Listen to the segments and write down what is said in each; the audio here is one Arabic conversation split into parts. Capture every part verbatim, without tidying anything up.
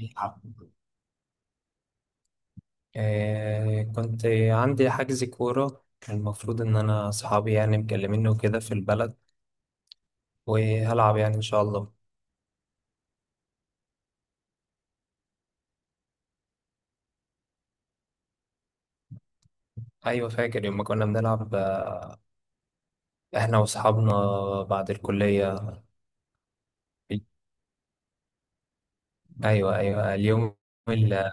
الحق. آه كنت عندي حجز كورة. كان المفروض إن أنا أصحابي يعني مكلميني وكده في البلد، وهلعب يعني إن شاء الله. أيوة، فاكر يوم ما كنا بنلعب، آه، إحنا وأصحابنا بعد الكلية. أيوة أيوة اليوم اللي,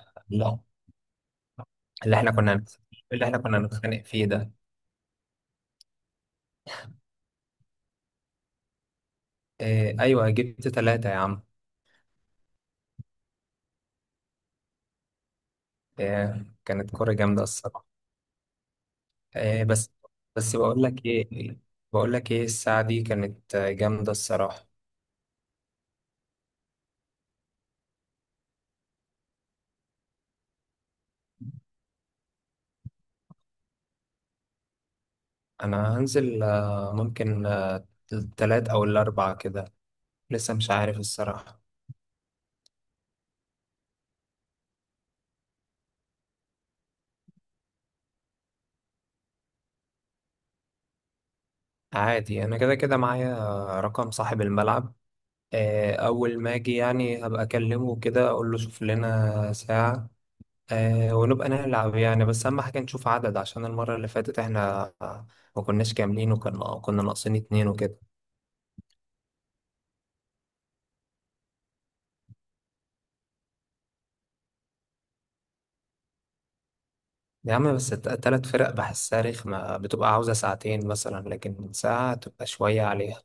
اللي إحنا كنا اللي إحنا كنا نتخانق فيه ده. آه أيوة، جبت ثلاثة يا عم. آه كانت كورة جامدة الصراحة. آه. بس بس بقول لك إيه، بقول لك إيه، الساعة دي كانت آه، جامدة الصراحة. انا هنزل، آه، ممكن آه، التلات او الاربع كده. لسه مش عارف الصراحة. عادي، انا كده كده معايا آه، رقم صاحب الملعب. آه، اول ما اجي يعني هبقى اكلمه كده، اقول له شوف لنا ساعة، آه، ونبقى نلعب يعني. بس اهم حاجة نشوف عدد، عشان المرة اللي فاتت احنا ما كناش كاملين، وكنا كنا ناقصين اتنين وكده. يا عم بس الت- التلات فرق بحسها رخمة، بتبقى عاوزة ساعتين مثلا، لكن ساعة تبقى شوية عليها.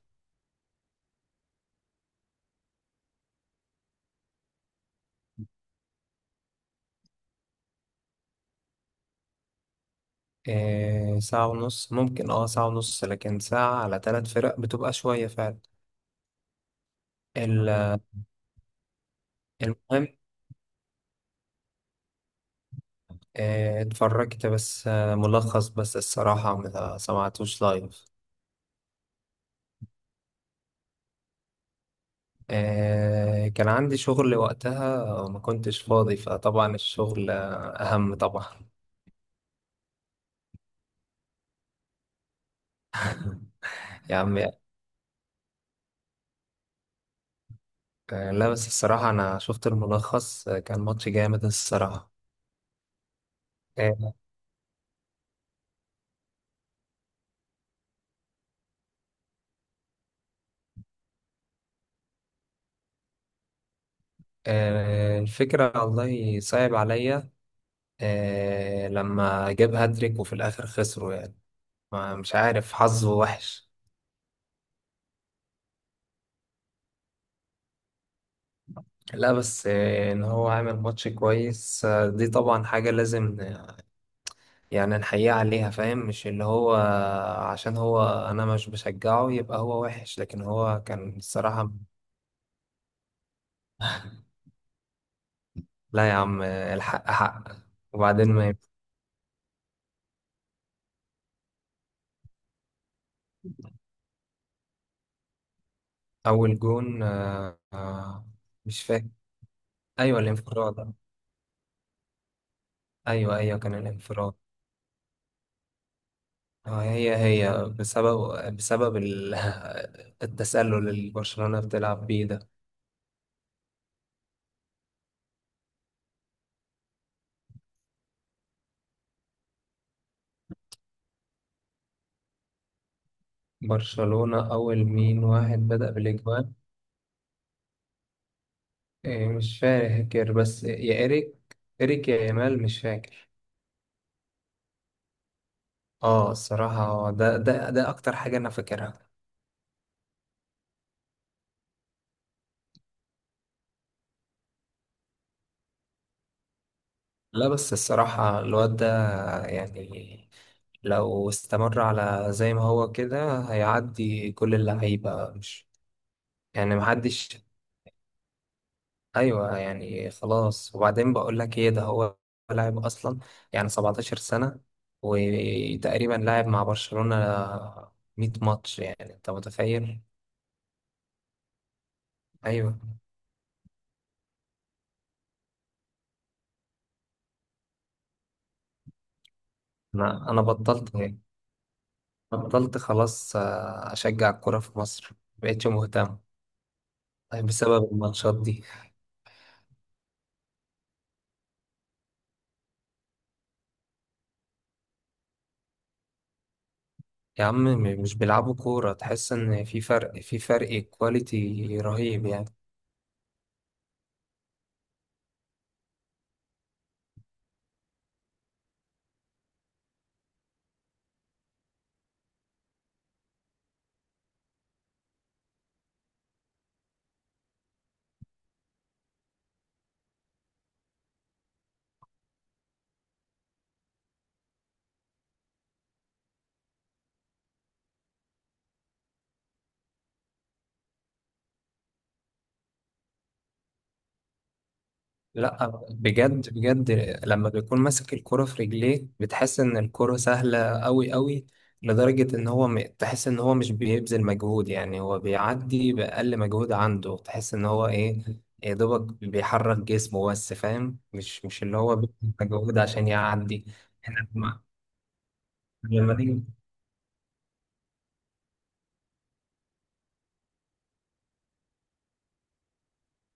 إيه، ساعة ونص ممكن، اه ساعة ونص، لكن ساعة على ثلاث فرق بتبقى شوية فعلا. ال- المهم، إيه، اتفرجت بس آه، ملخص بس الصراحة، ما سمعتوش لايف. إيه، كان عندي شغل وقتها وما كنتش فاضي، فطبعا الشغل آه، أهم طبعا. يا عم، آه، لا بس الصراحة أنا شفت الملخص، آه، كان ماتش جامد الصراحة. آه، آه، الفكرة والله صعب عليا، آه، لما جاب هاتريك وفي الآخر خسروا يعني. ما مش عارف، حظه وحش. لا بس آه، ان هو عامل ماتش كويس، آه، دي طبعا حاجة لازم، آه، يعني نحييه عليها، فاهم؟ مش اللي هو، عشان هو، انا مش بشجعه يبقى هو وحش، لكن هو كان الصراحة. لا يا عم، آه، الحق حق. وبعدين ما اول جون، آه، آه، مش فاكر. ايوه الانفراد. ايوه ايوه، كان الانفراد. آه، هي هي بسبب بسبب ال- التسلل اللي برشلونة بتلعب بيه ده. برشلونة أول مين واحد بدأ بالإجوان؟ إيه مش فاكر، بس يا إيريك، إيريك يا يامال، مش فاكر. اه الصراحة هو ده، ده ده أكتر حاجة أنا فاكرها. لا بس الصراحة الواد ده يعني، لو استمر على زي ما هو كده هيعدي كل اللعيبة، مش يعني محدش. ايوه يعني، خلاص. وبعدين بقول لك ايه، ده هو لاعب اصلا، يعني سبعتاشر سنه، وتقريبا لاعب مع برشلونه ميت ماتش، يعني انت متخيل؟ ايوه، انا انا بطلت، بطلت خلاص آه، اشجع الكوره في مصر، مبقتش مهتم. طيب، بسبب الماتشات دي. يا عم، م- مش بيلعبوا كوره، تحس ان في فرق، في فرق كواليتي رهيب يعني. لا بجد بجد، لما بيكون ماسك الكرة في رجليه بتحس ان الكرة سهلة قوي قوي، لدرجة ان هو م... تحس ان هو مش بيبذل مجهود، يعني هو بيعدي بأقل مجهود عنده، تحس ان هو ايه، يا دوبك بيحرك جسمه بس، فاهم؟ مش مش اللي هو بيبذل مجهود عشان يعدي. احنا لما لما نيجي،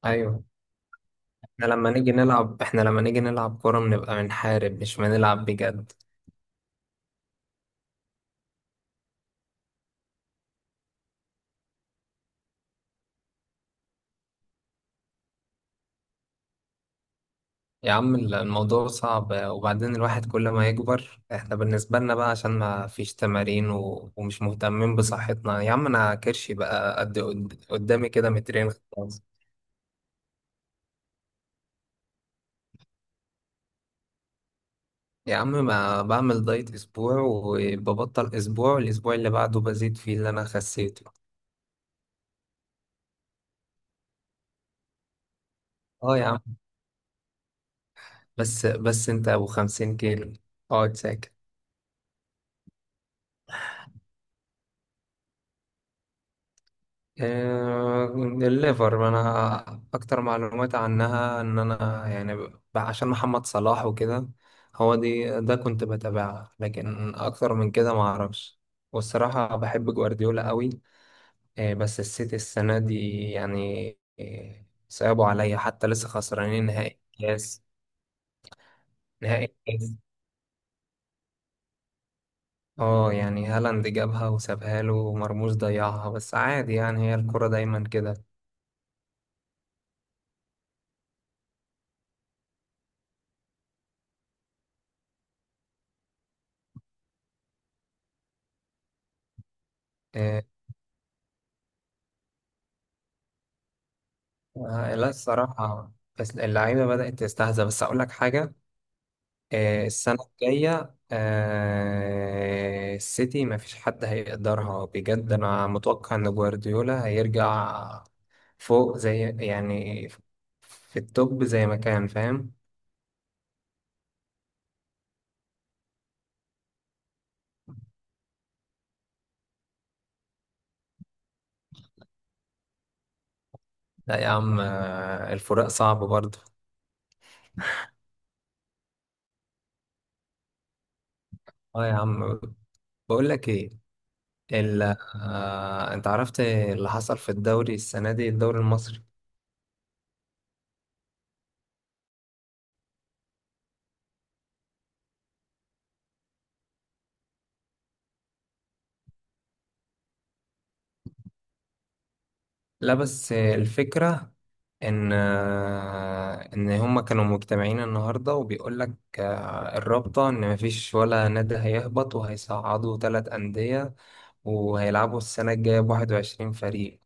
ايوه، احنا لما نيجي نلعب، احنا لما نيجي نلعب كرة بنبقى بنحارب مش بنلعب بجد. يا عم الموضوع صعب، وبعدين الواحد كل ما يكبر، احنا بالنسبة لنا بقى عشان ما فيش تمارين و... ومش مهتمين بصحتنا. يا عم انا كرشي بقى قد قد- قدامي كده مترين. خلاص. يا عم ما بعمل دايت اسبوع وببطل اسبوع، الاسبوع اللي بعده بزيد فيه اللي انا خسيته. اه يا عم، بس بس انت ابو خمسين كيلو، اقعد ساكت. آه، الليفر، ما انا اكتر معلومات عنها ان انا يعني، ب- عشان محمد صلاح وكده، هو دي ده كنت بتابعها، لكن اكتر من كده ما اعرفش. والصراحة بحب جوارديولا قوي، آه، بس السيتي السنة دي يعني، آه، صعبوا عليا، حتى لسه خسرانين نهائي الكاس. نهائي الكاس. اه يعني هالاند جابها وسابها له ومرموش ضيعها، بس عادي يعني، هي الكرة دايما كده. آه، آه، لا الصراحة، بس اللعيبة بدأت تستهزأ. بس أقول لك حاجة، آه، السنة الجاية آه، السيتي مفيش حد هيقدرها بجد، أنا متوقع إن جوارديولا هيرجع فوق، زي يعني، في التوب زي ما كان، فاهم؟ لا يا عم آه، الفراق صعب برضه. اه يا عم، بقول لك ايه، ال... آه، انت عرفت اللي حصل في الدوري السنة دي، الدوري المصري؟ لا بس الفكرة إن آه، إن هما كانوا مجتمعين النهاردة، وبيقول لك آه، الرابطة إن مفيش ولا نادي هيهبط، وهيصعدوا تلات أندية، وهيلعبوا السنة الجاية بواحد وعشرين فريق.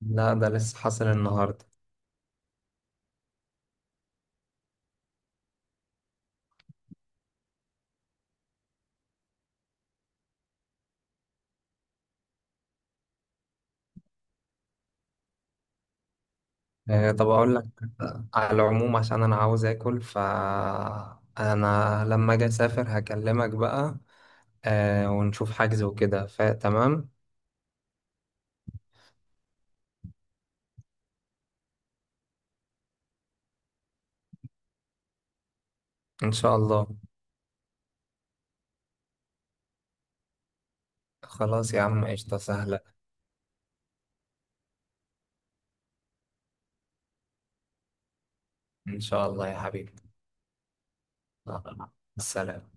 لا ده لسه حاصل النهاردة. آه، طب أقول لك، على العموم عشان أنا عاوز آكل، فأنا لما أجي أسافر هكلمك بقى، آه، ونشوف حجز وكده، فتمام. إن شاء الله. خلاص يا عم، قشطة سهلة. إن شاء الله يا حبيبي. مع السلامة.